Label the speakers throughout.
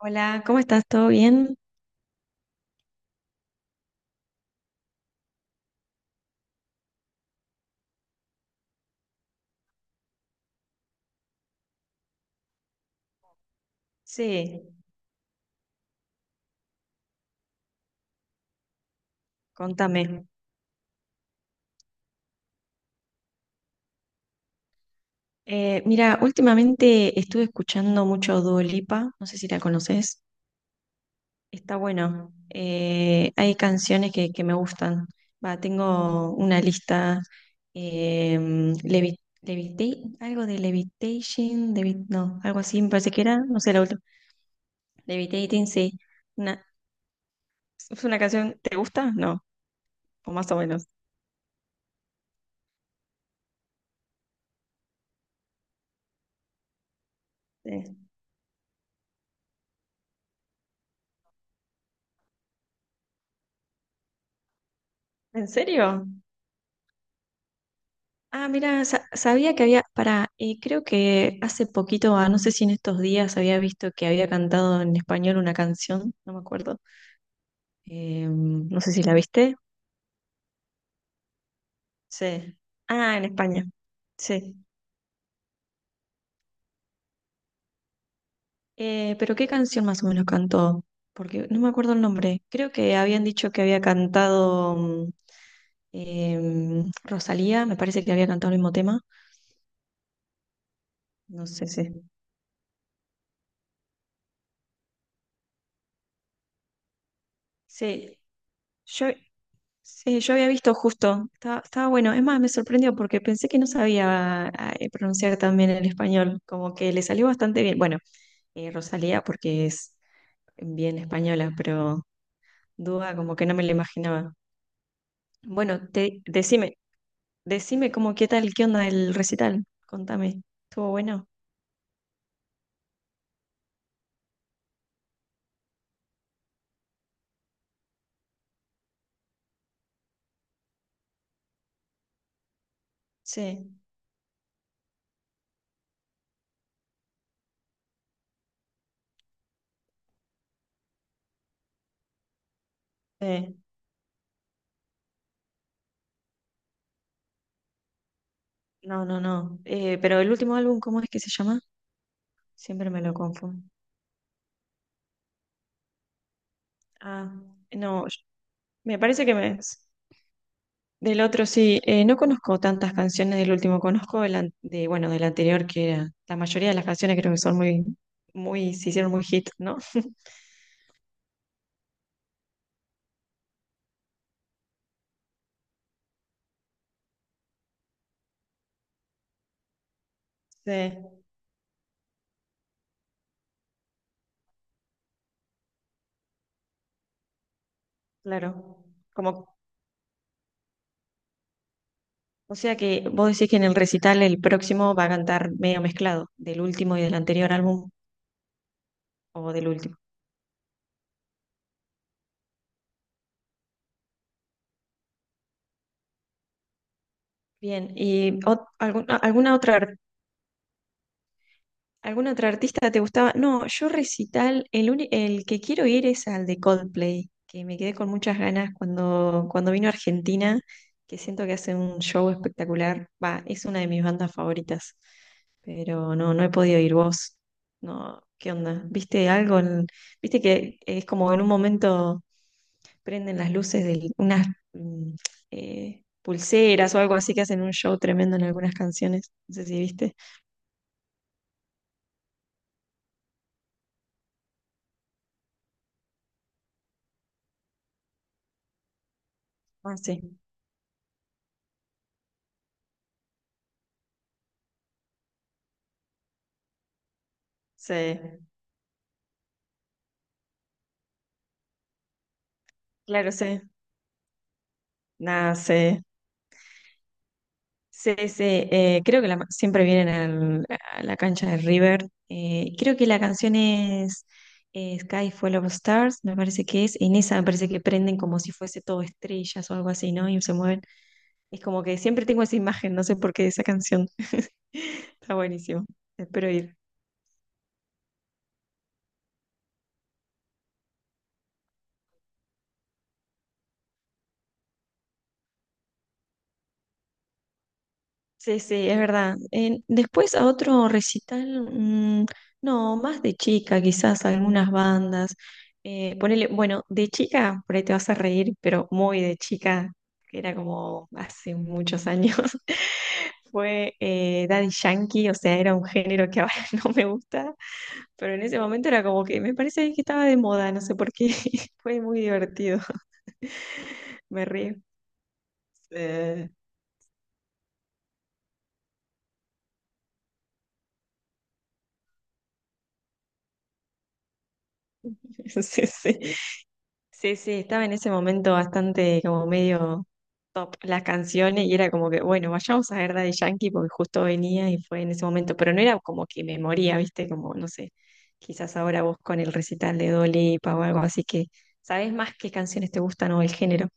Speaker 1: Hola, ¿cómo estás? ¿Todo bien? Sí, contame. Mira, últimamente estuve escuchando mucho Dua Lipa, no sé si la conoces. Está bueno. Hay canciones que me gustan. Va, tengo una lista. Algo de Levitation, no, algo así me parece que era, no sé la última. Levitating, sí. Una, ¿es una canción? ¿Te gusta? No, o más o menos. Sí. ¿En serio? Ah, mira, sabía que había, para, creo que hace poquito, ah, no sé si en estos días había visto que había cantado en español una canción, no me acuerdo. No sé si la viste. Sí. Ah, en España, sí. Pero ¿qué canción más o menos cantó? Porque no me acuerdo el nombre. Creo que habían dicho que había cantado Rosalía, me parece que había cantado el mismo tema. No sé si. Sí, yo, Sí, yo había visto justo, estaba bueno. Es más, me sorprendió porque pensé que no sabía pronunciar tan bien el español, como que le salió bastante bien. Bueno, Rosalía porque es bien española, pero duda como que no me lo imaginaba. Bueno, decime, decime como qué tal, qué onda el recital, contame. ¿Estuvo bueno? Sí, eh, no. Pero el último álbum, ¿cómo es que se llama? Siempre me lo confundo. Ah, no, me parece que me... Del otro sí, no conozco tantas canciones del último, conozco de, bueno, del anterior, que era, la mayoría de las canciones creo que son muy, muy, se hicieron muy hit, ¿no? Sí, claro. Como, o sea que vos decís que en el recital el próximo va a cantar medio mezclado, del último y del anterior álbum, o del último. Bien, ¿y alguna otra ¿Algún otro artista te gustaba? No, yo recital, el que quiero ir es al de Coldplay, que me quedé con muchas ganas cuando vino a Argentina, que siento que hace un show espectacular. Va, es una de mis bandas favoritas, pero no, no he podido ir vos. No, ¿qué onda? ¿Viste algo? ¿Viste que es como en un momento prenden las luces de unas mm, pulseras o algo así que hacen un show tremendo en algunas canciones? No sé si viste. Ah, sí. Sí, claro, sí. Nada, sí, sí, sí, creo que siempre vienen a la cancha de River. Creo que la canción es Sky Full of Stars, me parece que es. En esa me parece que prenden como si fuese todo estrellas o algo así, ¿no? Y se mueven. Es como que siempre tengo esa imagen, no sé por qué, de esa canción. Está buenísimo. Espero ir. Sí, sí, es verdad. Después a otro recital, no, más de chica, quizás algunas bandas. Ponele, bueno, de chica, por ahí te vas a reír, pero muy de chica, que era como hace muchos años, fue Daddy Yankee, o sea, era un género que ahora no me gusta, pero en ese momento era como que me parece que estaba de moda, no sé por qué, fue muy divertido, me río. Eh, sí, sí. Sí, sí, estaba en ese momento bastante como medio top las canciones y era como que, bueno, vayamos a ver Daddy Yankee porque justo venía y fue en ese momento, pero no era como que me moría, ¿viste? Como, no sé, quizás ahora vos con el recital de Dolipa o algo así que sabés más qué canciones te gustan o el género.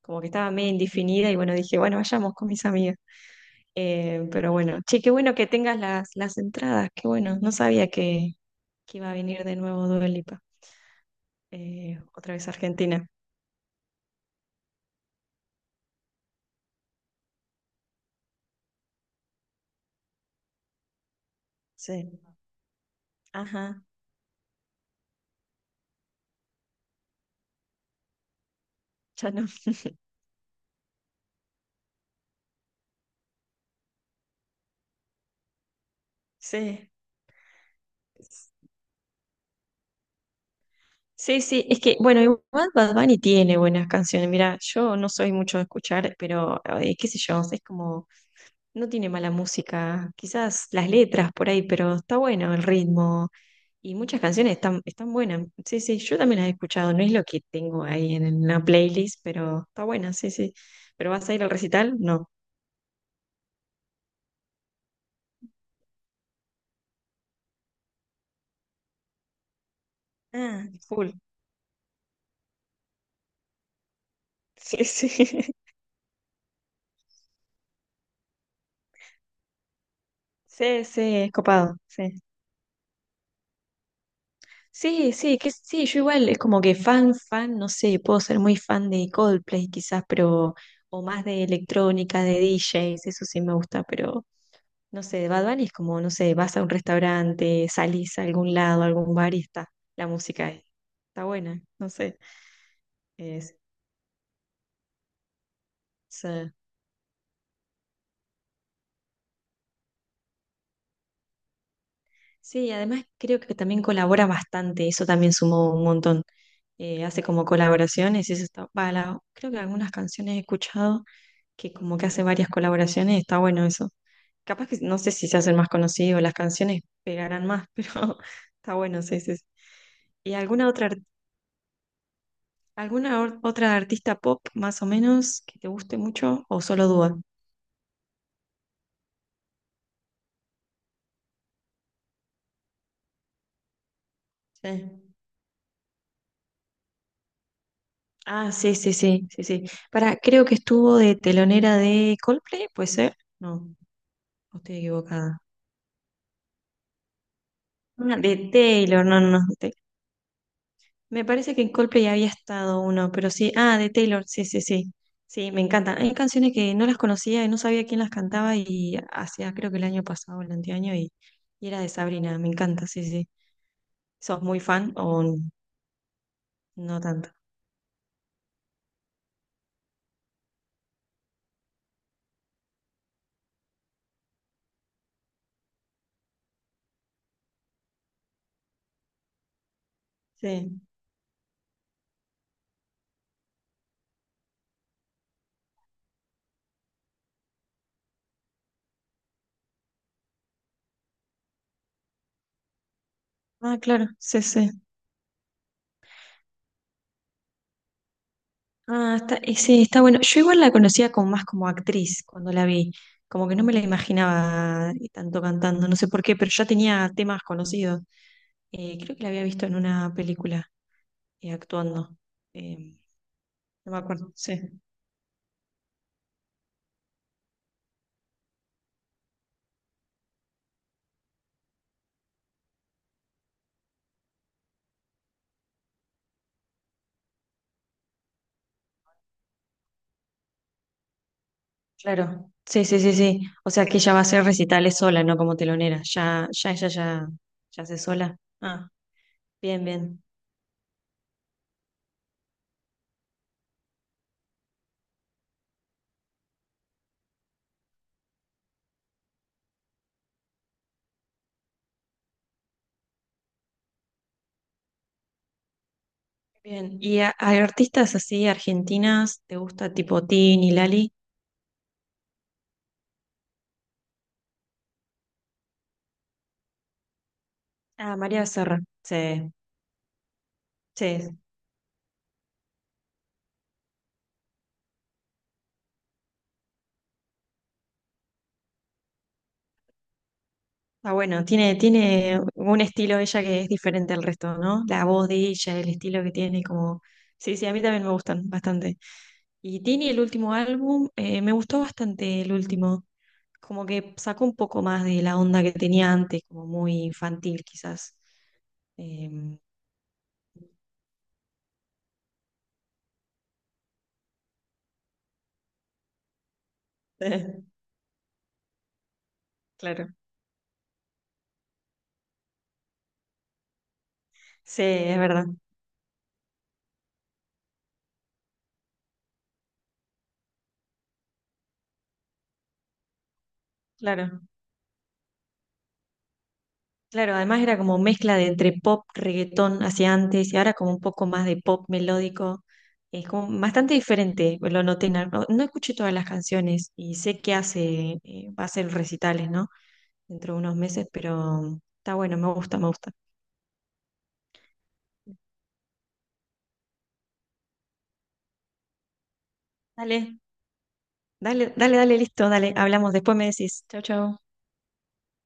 Speaker 1: Como que estaba medio indefinida y bueno, dije, bueno, vayamos con mis amigas. Pero bueno, che, qué bueno que tengas las entradas, qué bueno, no sabía que iba a venir de nuevo Dua Lipa, otra vez a Argentina. Sí, ajá, ya no. Sí. Sí, sí, es que, bueno, igual Bad Bunny tiene buenas canciones. Mira, yo no soy mucho de escuchar, pero qué sé yo, es como, no tiene mala música, quizás las letras por ahí, pero está bueno el ritmo y muchas canciones están, están buenas. Sí, sí, yo también las he escuchado, no es lo que tengo ahí en una playlist, pero está buena, sí, sí. ¿Pero vas a ir al recital? No. Ah, full Sí, sí. Sí, sí, es copado, sí. Sí, sí, que sí, yo igual es como que fan, fan, no sé, puedo ser muy fan de Coldplay quizás, pero, o más de electrónica, de DJs, eso sí me gusta, pero no sé, de Bad Bunny es como, no sé, vas a un restaurante, salís a algún lado, a algún bar y está, la música ahí. Está buena, no sé. Es, sí, sí, además creo que también colabora bastante, eso también sumó un montón. Hace como colaboraciones, y eso está, va, creo que algunas canciones he escuchado que como que hace varias colaboraciones, está bueno eso. Capaz que no sé si se hacen más conocidos, las canciones pegarán más, pero está bueno, sí, sí. Sí. ¿Y alguna otra, otra artista pop más o menos que te guste mucho o solo Dua? Sí. Ah, sí, sí, sí, sí, sí. Para, creo que estuvo de telonera de Coldplay, ¿puede ser? No, no estoy equivocada. Ah, de Taylor, no, no, no. Me parece que en Coldplay había estado uno, pero sí. Ah, de Taylor, sí, sí, sí. Sí, me encantan. Hay canciones que no las conocía y no sabía quién las cantaba y hacía, creo que el año pasado, el anteaño, y era de Sabrina. Me encanta, sí, sí. ¿Sos muy fan o no tanto? Sí. Ah, claro, sí, sí. Ah, está, y sí, está bueno. Yo igual la conocía como más como actriz cuando la vi. Como que no me la imaginaba tanto cantando, no sé por qué, pero ya tenía temas conocidos. Creo que la había visto en una película. Y actuando. Em, no me acuerdo, sí. Claro, sí, sí, sí, sí. O sea que ella va a hacer recitales sola, no como telonera. Ya hace sola. Ah, bien, bien, bien. ¿Y a artistas así argentinas te gusta tipo Tin y Lali? Ah, María Becerra. Sí, sí, Ah, bueno, tiene, tiene un estilo ella que es diferente al resto, ¿no? La voz de ella, el estilo que tiene, como... Sí, sí, a mí también me gustan bastante. Y Tini, el último álbum, me gustó bastante el último. Como que sacó un poco más de la onda que tenía antes, como muy infantil quizás. Em, claro. Sí, es verdad. Claro. Claro, además era como mezcla de entre pop, reggaetón hacia antes y ahora como un poco más de pop melódico. Es como bastante diferente, pues, lo noté. En no, no escuché todas las canciones y sé que hace, va a hacer recitales, ¿no? Dentro de unos meses, pero está bueno, me gusta, me gusta. Dale, dale, dale, dale, listo, dale, hablamos, después me decís. Chau, chau.